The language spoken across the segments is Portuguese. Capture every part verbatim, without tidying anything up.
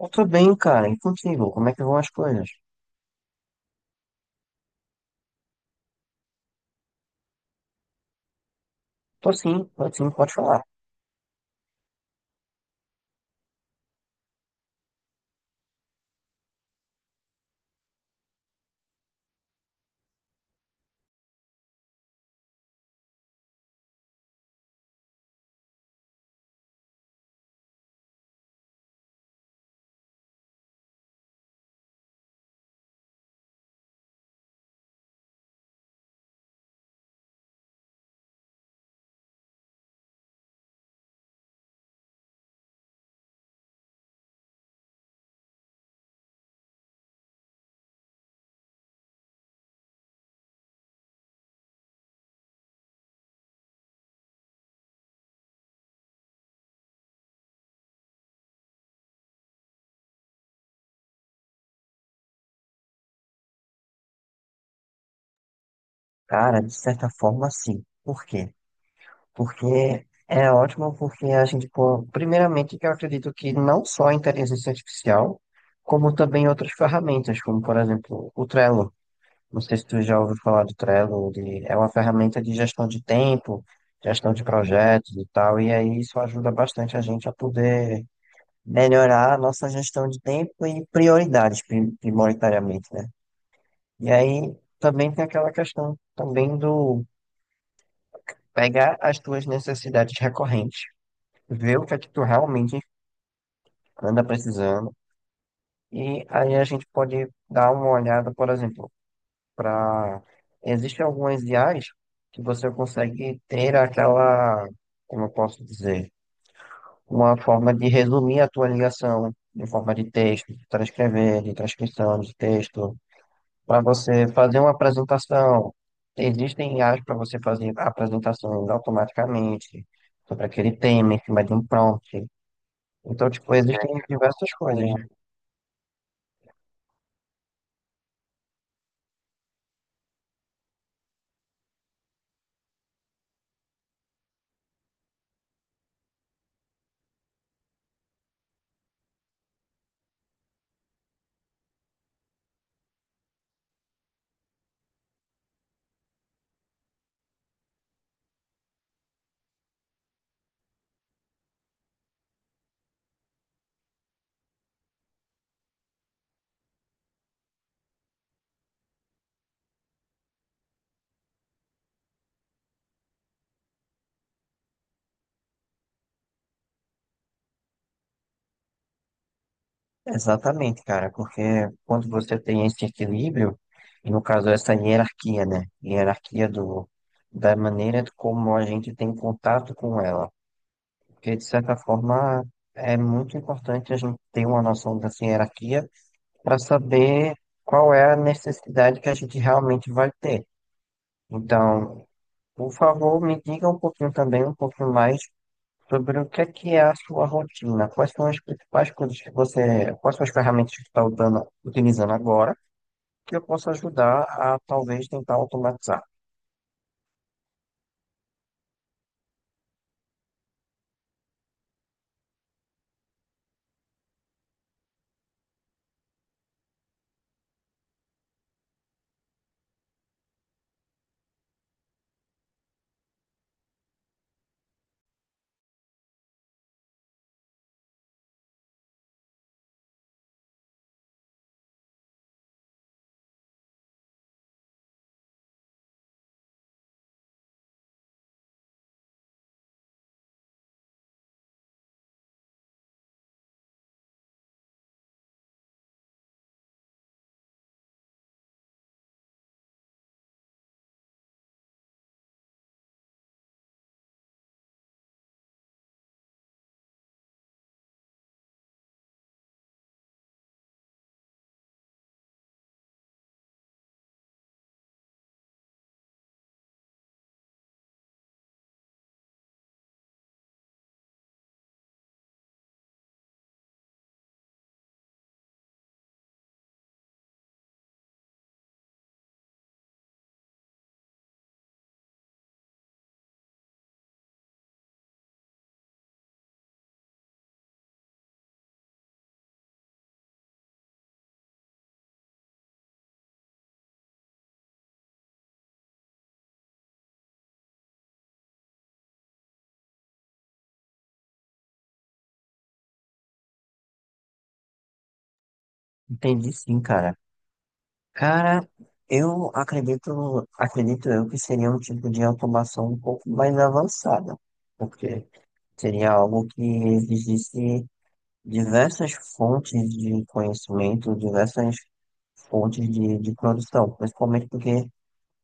Eu tô bem, cara. E contigo? Como é que vão as coisas? Tô sim, tô sim, pode falar. Cara, de certa forma, sim. Por quê? Porque é ótimo porque a gente, pô, primeiramente, que eu acredito que não só a inteligência artificial, como também outras ferramentas, como, por exemplo, o Trello. Não sei se tu já ouviu falar do Trello, de- é uma ferramenta de gestão de tempo, gestão de projetos e tal, e aí isso ajuda bastante a gente a poder melhorar a nossa gestão de tempo e prioridades, pri- prioritariamente, né? E aí também tem aquela questão também do pegar as tuas necessidades recorrentes, ver o que é que tu realmente anda precisando, e aí a gente pode dar uma olhada, por exemplo, para existem algumas I As que você consegue ter aquela, como eu posso dizer, uma forma de resumir a tua ligação. Em forma de texto, de transcrever, de transcrição de texto, para você fazer uma apresentação. Existem I As para você fazer apresentações automaticamente sobre aquele tema em cima de um prompt. Então, tipo, existem diversas coisas, né? Exatamente, cara, porque quando você tem esse equilíbrio, e no caso essa hierarquia, né? Hierarquia do, da maneira como a gente tem contato com ela. Porque, de certa forma, é muito importante a gente ter uma noção dessa hierarquia para saber qual é a necessidade que a gente realmente vai ter. Então, por favor, me diga um pouquinho também, um pouquinho mais sobre o que é que é a sua rotina, quais são as principais coisas que você, quais são as ferramentas que você está usando, utilizando agora, que eu possa ajudar a talvez tentar automatizar. Entendi sim, cara. Cara, eu acredito, acredito eu que seria um tipo de automação um pouco mais avançada, porque seria algo que exigisse diversas fontes de conhecimento, diversas fontes de, de produção, principalmente porque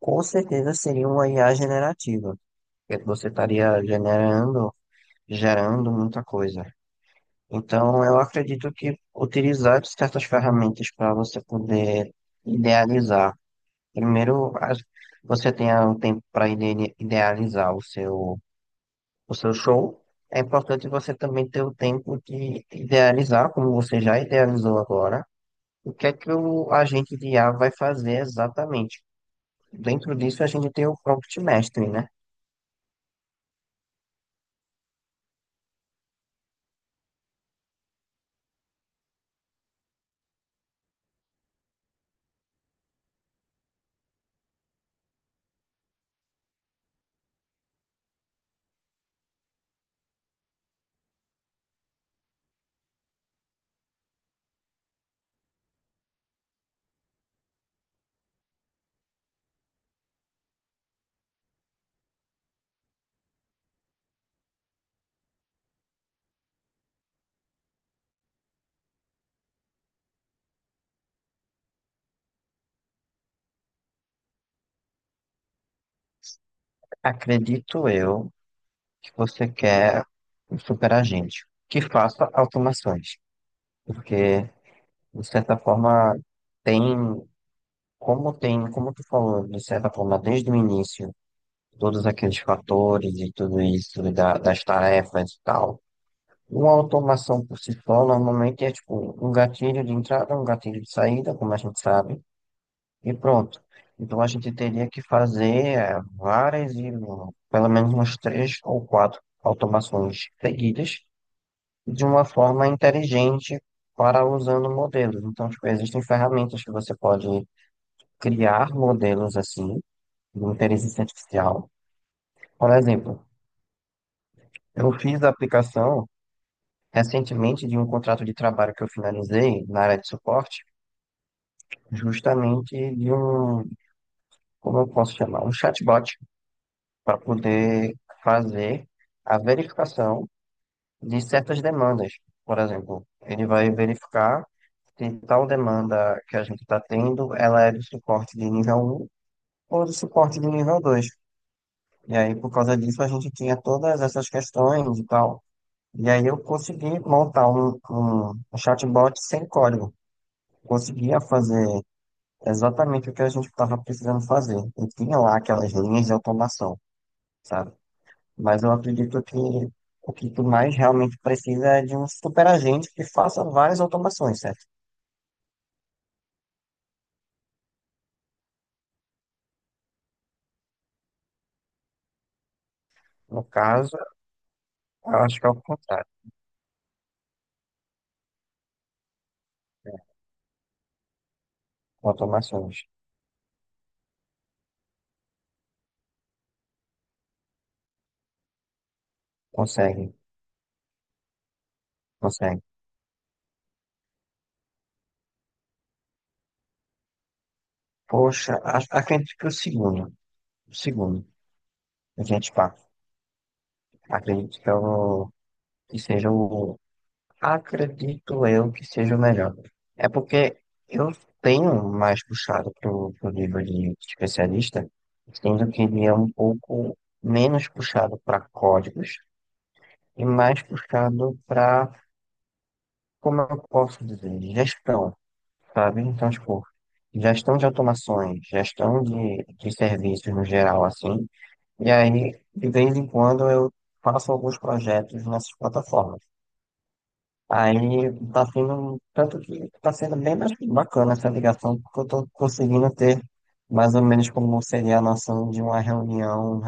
com certeza seria uma I A generativa, porque você estaria generando, gerando muita coisa. Então, eu acredito que utilizar certas ferramentas para você poder idealizar. Primeiro, as- você tenha um tempo para idealizar o seu, o seu show. É importante você também ter o tempo de idealizar, como você já idealizou agora o que é que o agente de I A vai fazer exatamente? Dentro disso, a gente tem o prompt mastering, né? Acredito eu que você quer um super agente que faça automações, porque, de certa forma, tem, como tem, como tu falou, de certa forma, desde o início, todos aqueles fatores e tudo isso, da- das tarefas e tal. Uma automação por si só, normalmente, é tipo um gatilho de entrada, um gatilho de saída, como a gente sabe. E pronto. Então a gente teria que fazer eh, várias e um, pelo menos umas três ou quatro automações seguidas de uma forma inteligente para usando modelos. Então, tipo, existem ferramentas que você pode criar modelos assim de inteligência artificial. Por exemplo, eu fiz a aplicação recentemente de um contrato de trabalho que eu finalizei na área de suporte, justamente de um, como eu posso chamar, um chatbot para poder fazer a verificação de certas demandas. Por exemplo, ele vai verificar se tal demanda que a gente está tendo, ela é do suporte de nível um ou do suporte de nível dois. E aí, por causa disso, a gente tinha todas essas questões e tal. E aí eu consegui montar um, um um chatbot sem código. Conseguia fazer exatamente o que a gente estava precisando fazer. E tinha lá aquelas linhas de automação, sabe? Mas eu acredito que o que tu mais realmente precisa é de um superagente que faça várias automações, certo? No caso, eu acho que é o contrário, né? Automações. Consegue, consegue. Poxa, acho- acredito que o segundo, o segundo, a gente pá, acredito que, eu, que seja o, acredito eu que seja o melhor. É porque eu tenho mais puxado pro, pro livro de especialista, sendo que ele é um pouco menos puxado para códigos e mais puxado para, como eu posso dizer, gestão, sabe? Então, tipo, gestão de automações, gestão de, de serviços no geral, assim. E aí, de vez em quando, eu faço alguns projetos nessas plataformas. Aí tá sendo, tanto que tá sendo bem mais bacana essa ligação, porque eu tô conseguindo ter mais ou menos como seria a noção de uma reunião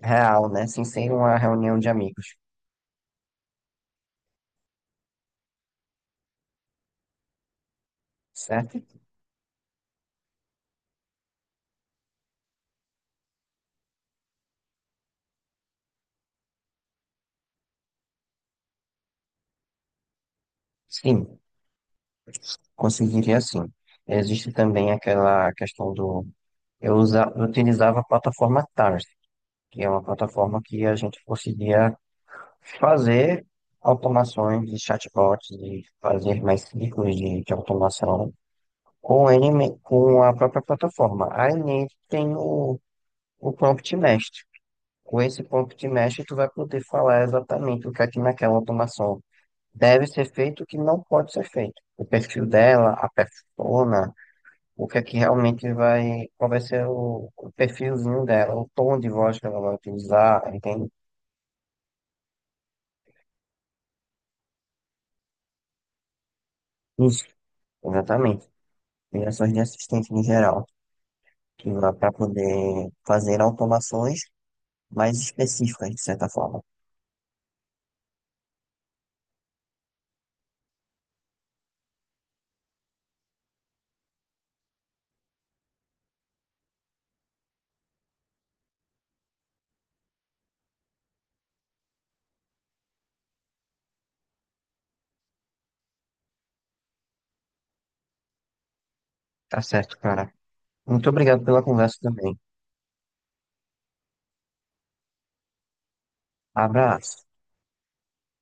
real, né? Assim, sem ser uma reunião de amigos, certo? Sim. Conseguiria sim. Existe também aquela questão do. Eu, usa, eu utilizava a plataforma Tars, que é uma plataforma que a gente conseguia fazer automações de chatbots e fazer mais ciclos de, de automação com, ele, me- com a própria plataforma. Aí nele tem o, o prompt mestre. Com esse prompt mestre, tu vai poder falar exatamente o que é que naquela automação deve ser feito, e o que não pode ser feito. O perfil dela, a persona o que é que realmente vai, qual vai ser o, o perfilzinho dela, o tom de voz que ela vai utilizar, entende? Isso. Exatamente. Ligações de assistente no geral, que vai para poder fazer automações mais específicas, de certa forma. Tá certo, cara. Muito obrigado pela conversa também. Abraço.